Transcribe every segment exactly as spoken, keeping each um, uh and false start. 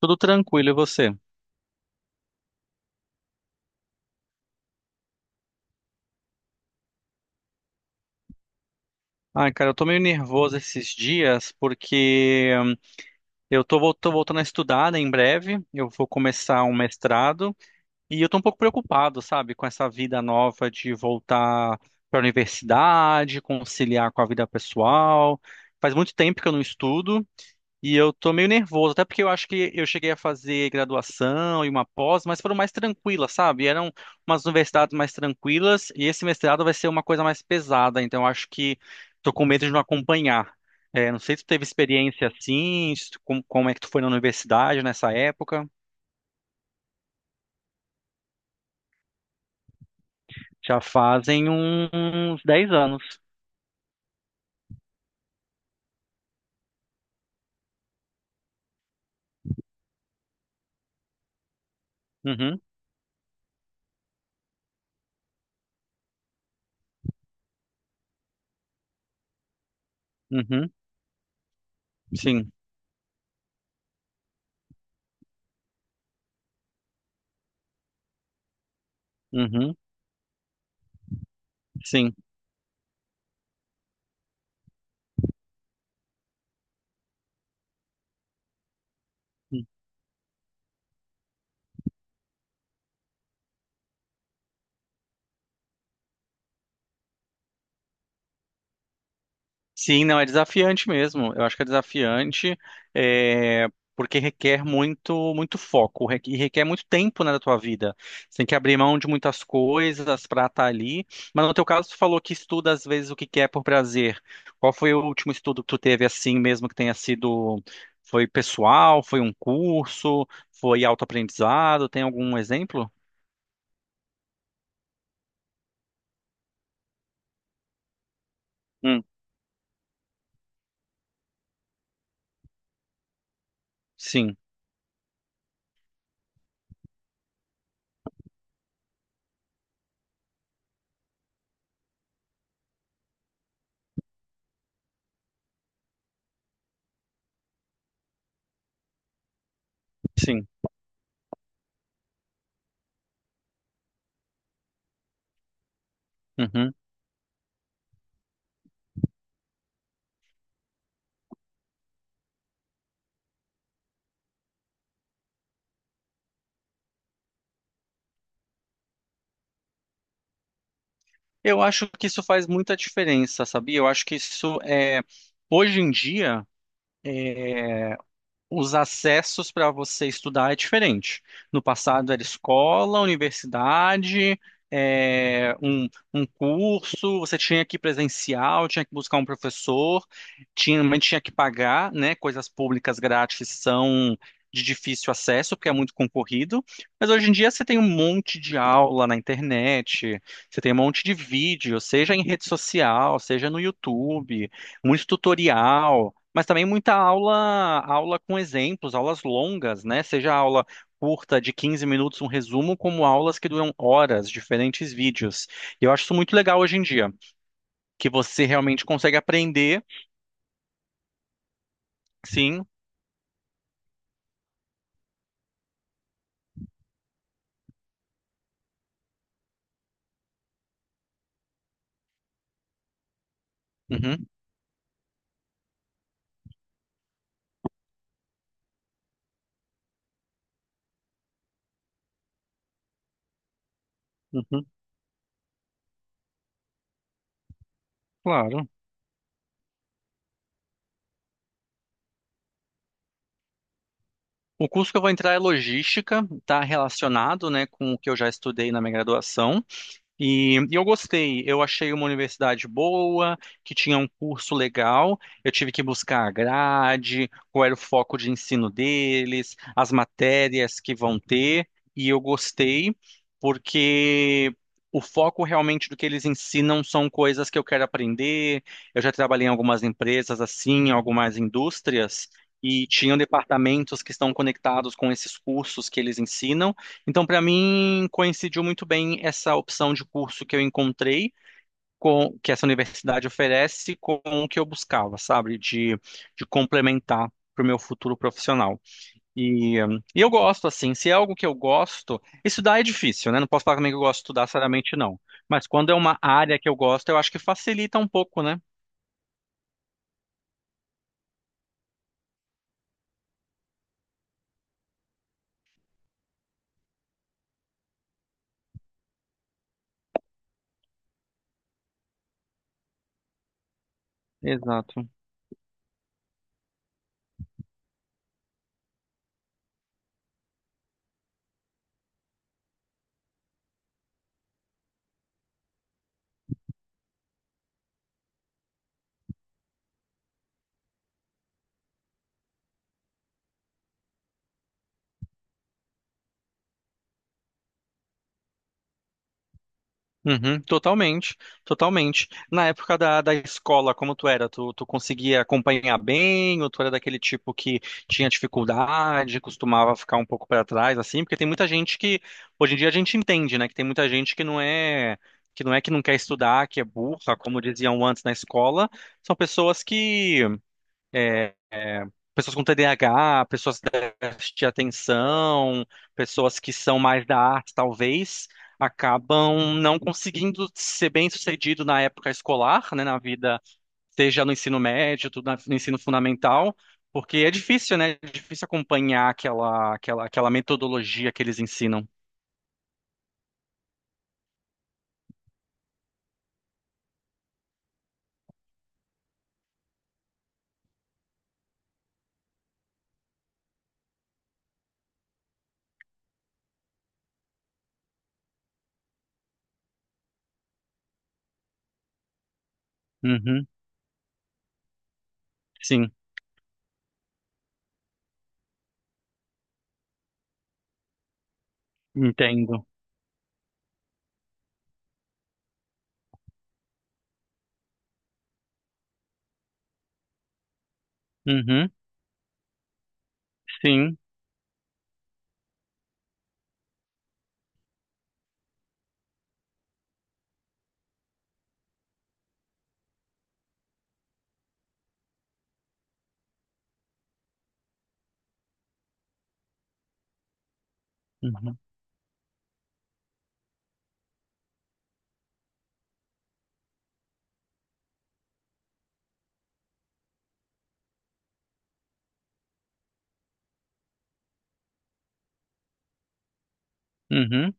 Tudo tranquilo, e você? Ai, cara, eu tô meio nervoso esses dias porque hum, eu tô, vol- tô voltando a estudar, né, em breve. Eu vou começar um mestrado e eu tô um pouco preocupado, sabe, com essa vida nova de voltar para a universidade, conciliar com a vida pessoal. Faz muito tempo que eu não estudo. E eu tô meio nervoso, até porque eu acho que eu cheguei a fazer graduação e uma pós, mas foram mais tranquilas, sabe? Eram umas universidades mais tranquilas e esse mestrado vai ser uma coisa mais pesada, então eu acho que tô com medo de não acompanhar. É, não sei se tu teve experiência assim, se tu- como, como é que tu foi na universidade nessa época? Já fazem uns dez anos. Uhum, uhum, sim, uhum, sim. Sim, não, é desafiante mesmo. Eu acho que é desafiante, é, porque requer muito, muito foco, re- e requer muito tempo, né, da tua vida. Você tem que abrir mão de muitas coisas para estar ali. Mas no teu caso, tu falou que estuda às vezes o que quer por prazer. Qual foi o último estudo que tu teve assim mesmo que tenha sido, foi pessoal, foi um curso, foi autoaprendizado? Tem algum exemplo? Hum, sim, sim. Uhum. Eu acho que isso faz muita diferença, sabia? Eu acho que isso é hoje em dia. eh, os acessos para você estudar é diferente. No passado era escola, universidade, é, um, um curso, você tinha que ir presencial, tinha que buscar um professor, tinha, mas tinha que pagar, né? Coisas públicas grátis são de difícil acesso, porque é muito concorrido. Mas hoje em dia você tem um monte de aula na internet, você tem um monte de vídeo, seja em rede social, seja no YouTube, muito tutorial. Mas também muita aula, aula com exemplos, aulas longas, né? Seja aula curta de quinze minutos, um resumo, como aulas que duram horas, diferentes vídeos. E eu acho isso muito legal hoje em dia, que você realmente consegue aprender, sim. Uhum, uhum, claro. O curso que eu vou entrar é logística, está relacionado, né, com o que eu já estudei na minha graduação. E, e eu gostei, eu achei uma universidade boa, que tinha um curso legal. Eu tive que buscar a grade, qual era o foco de ensino deles, as matérias que vão ter, e eu gostei, porque o foco realmente do que eles ensinam são coisas que eu quero aprender. Eu já trabalhei em algumas empresas assim, em algumas indústrias. E tinham departamentos que estão conectados com esses cursos que eles ensinam. Então, para mim, coincidiu muito bem essa opção de curso que eu encontrei, com, que essa universidade oferece, com o que eu buscava, sabe? De, de complementar para o meu futuro profissional. E, hum, e eu gosto, assim, se é algo que eu gosto, estudar é difícil, né? Não posso falar também que eu gosto de estudar, seriamente, não. Mas quando é uma área que eu gosto, eu acho que facilita um pouco, né? Exato. Uhum, totalmente, totalmente. Na época da, da escola, como tu era? Tu, tu conseguia acompanhar bem, ou tu era daquele tipo que tinha dificuldade, costumava ficar um pouco para trás, assim? Porque tem muita gente que, hoje em dia a gente entende, né? Que tem muita gente que não é, que não é que não quer estudar, que é burra, como diziam antes na escola. São pessoas que é, pessoas com T D A H, pessoas déficit de atenção, pessoas que são mais da arte, talvez, acabam não conseguindo ser bem-sucedido na época escolar, né, na vida, seja no ensino médio, tudo na- no ensino fundamental, porque é difícil, né? É difícil acompanhar aquela, aquela, aquela metodologia que eles ensinam. Uhum, sim, entendo. Uhum, sim. Uhum, uhum,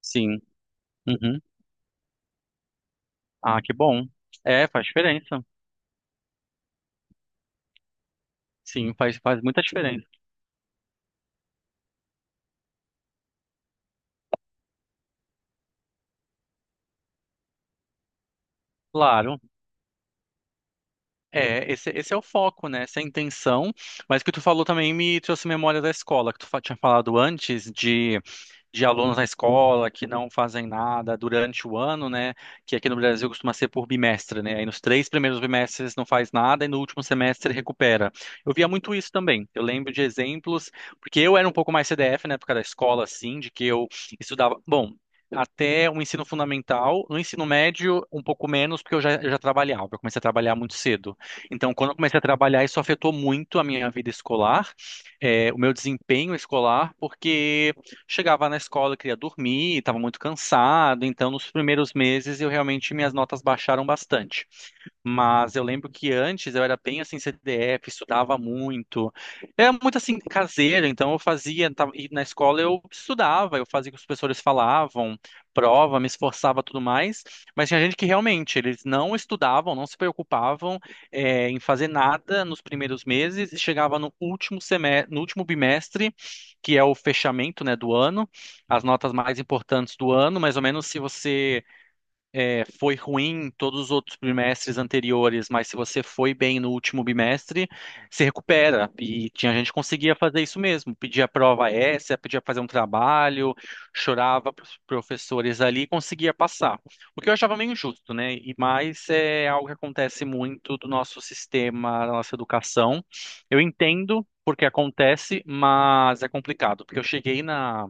sim. Uhum. Ah, que bom. É, faz diferença. Sim, faz, faz muita diferença. Claro. É, esse, esse é o foco, né? Essa é a intenção. Mas o que tu falou também me trouxe memória da escola, que tu fa- tinha falado antes de de alunos na escola que não fazem nada durante o ano, né? Que aqui no Brasil costuma ser por bimestre, né? Aí nos três primeiros bimestres não faz nada e no último semestre recupera. Eu via muito isso também. Eu lembro de exemplos, porque eu era um pouco mais C D F na época da escola, assim, de que eu estudava. Bom. Até o ensino fundamental, no ensino médio, um pouco menos, porque eu já, eu já trabalhava, eu comecei a trabalhar muito cedo. Então, quando eu comecei a trabalhar, isso afetou muito a minha vida escolar, eh, o meu desempenho escolar, porque chegava na escola, queria dormir, estava muito cansado, então nos primeiros meses eu realmente minhas notas baixaram bastante. Mas eu lembro que antes eu era bem assim C D F, estudava muito. Era muito assim caseiro, então eu fazia, tava, e na escola eu estudava, eu fazia o que os professores falavam, prova, me esforçava tudo mais. Mas tinha gente que realmente eles não estudavam, não se preocupavam eh, em fazer nada nos primeiros meses e chegava no último semestre, no último bimestre, que é o fechamento, né, do ano, as notas mais importantes do ano, mais ou menos se você é, foi ruim em todos os outros bimestres anteriores, mas se você foi bem no último bimestre, se recupera. E tinha gente que conseguia fazer isso mesmo, pedia prova essa, pedia fazer um trabalho, chorava para os professores ali e conseguia passar. O que eu achava meio injusto, né? E mais é algo que acontece muito do nosso sistema, da nossa educação. Eu entendo porque acontece, mas é complicado, porque eu cheguei na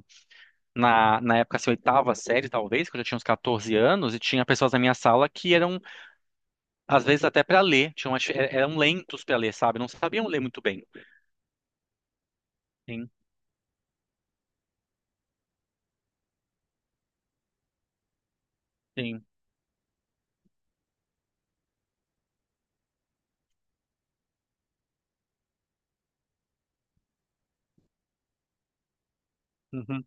na, na época, assim, oitava série, talvez, quando eu já tinha uns catorze anos, e tinha pessoas na minha sala que eram, às vezes, até para ler, tinham, uma difi- eram lentos para ler, sabe? Não sabiam ler muito bem. Sim, sim. Uhum,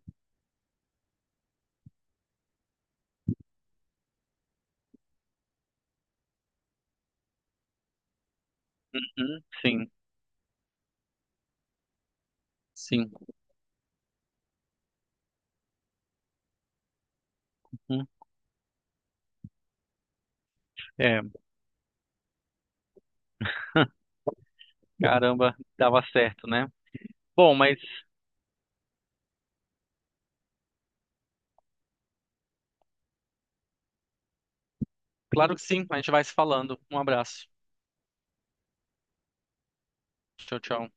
uhum, sim, sim. Uhum. É, caramba, dava certo, né? Bom, mas claro que sim, a gente vai se falando. Um abraço. Tchau, tchau.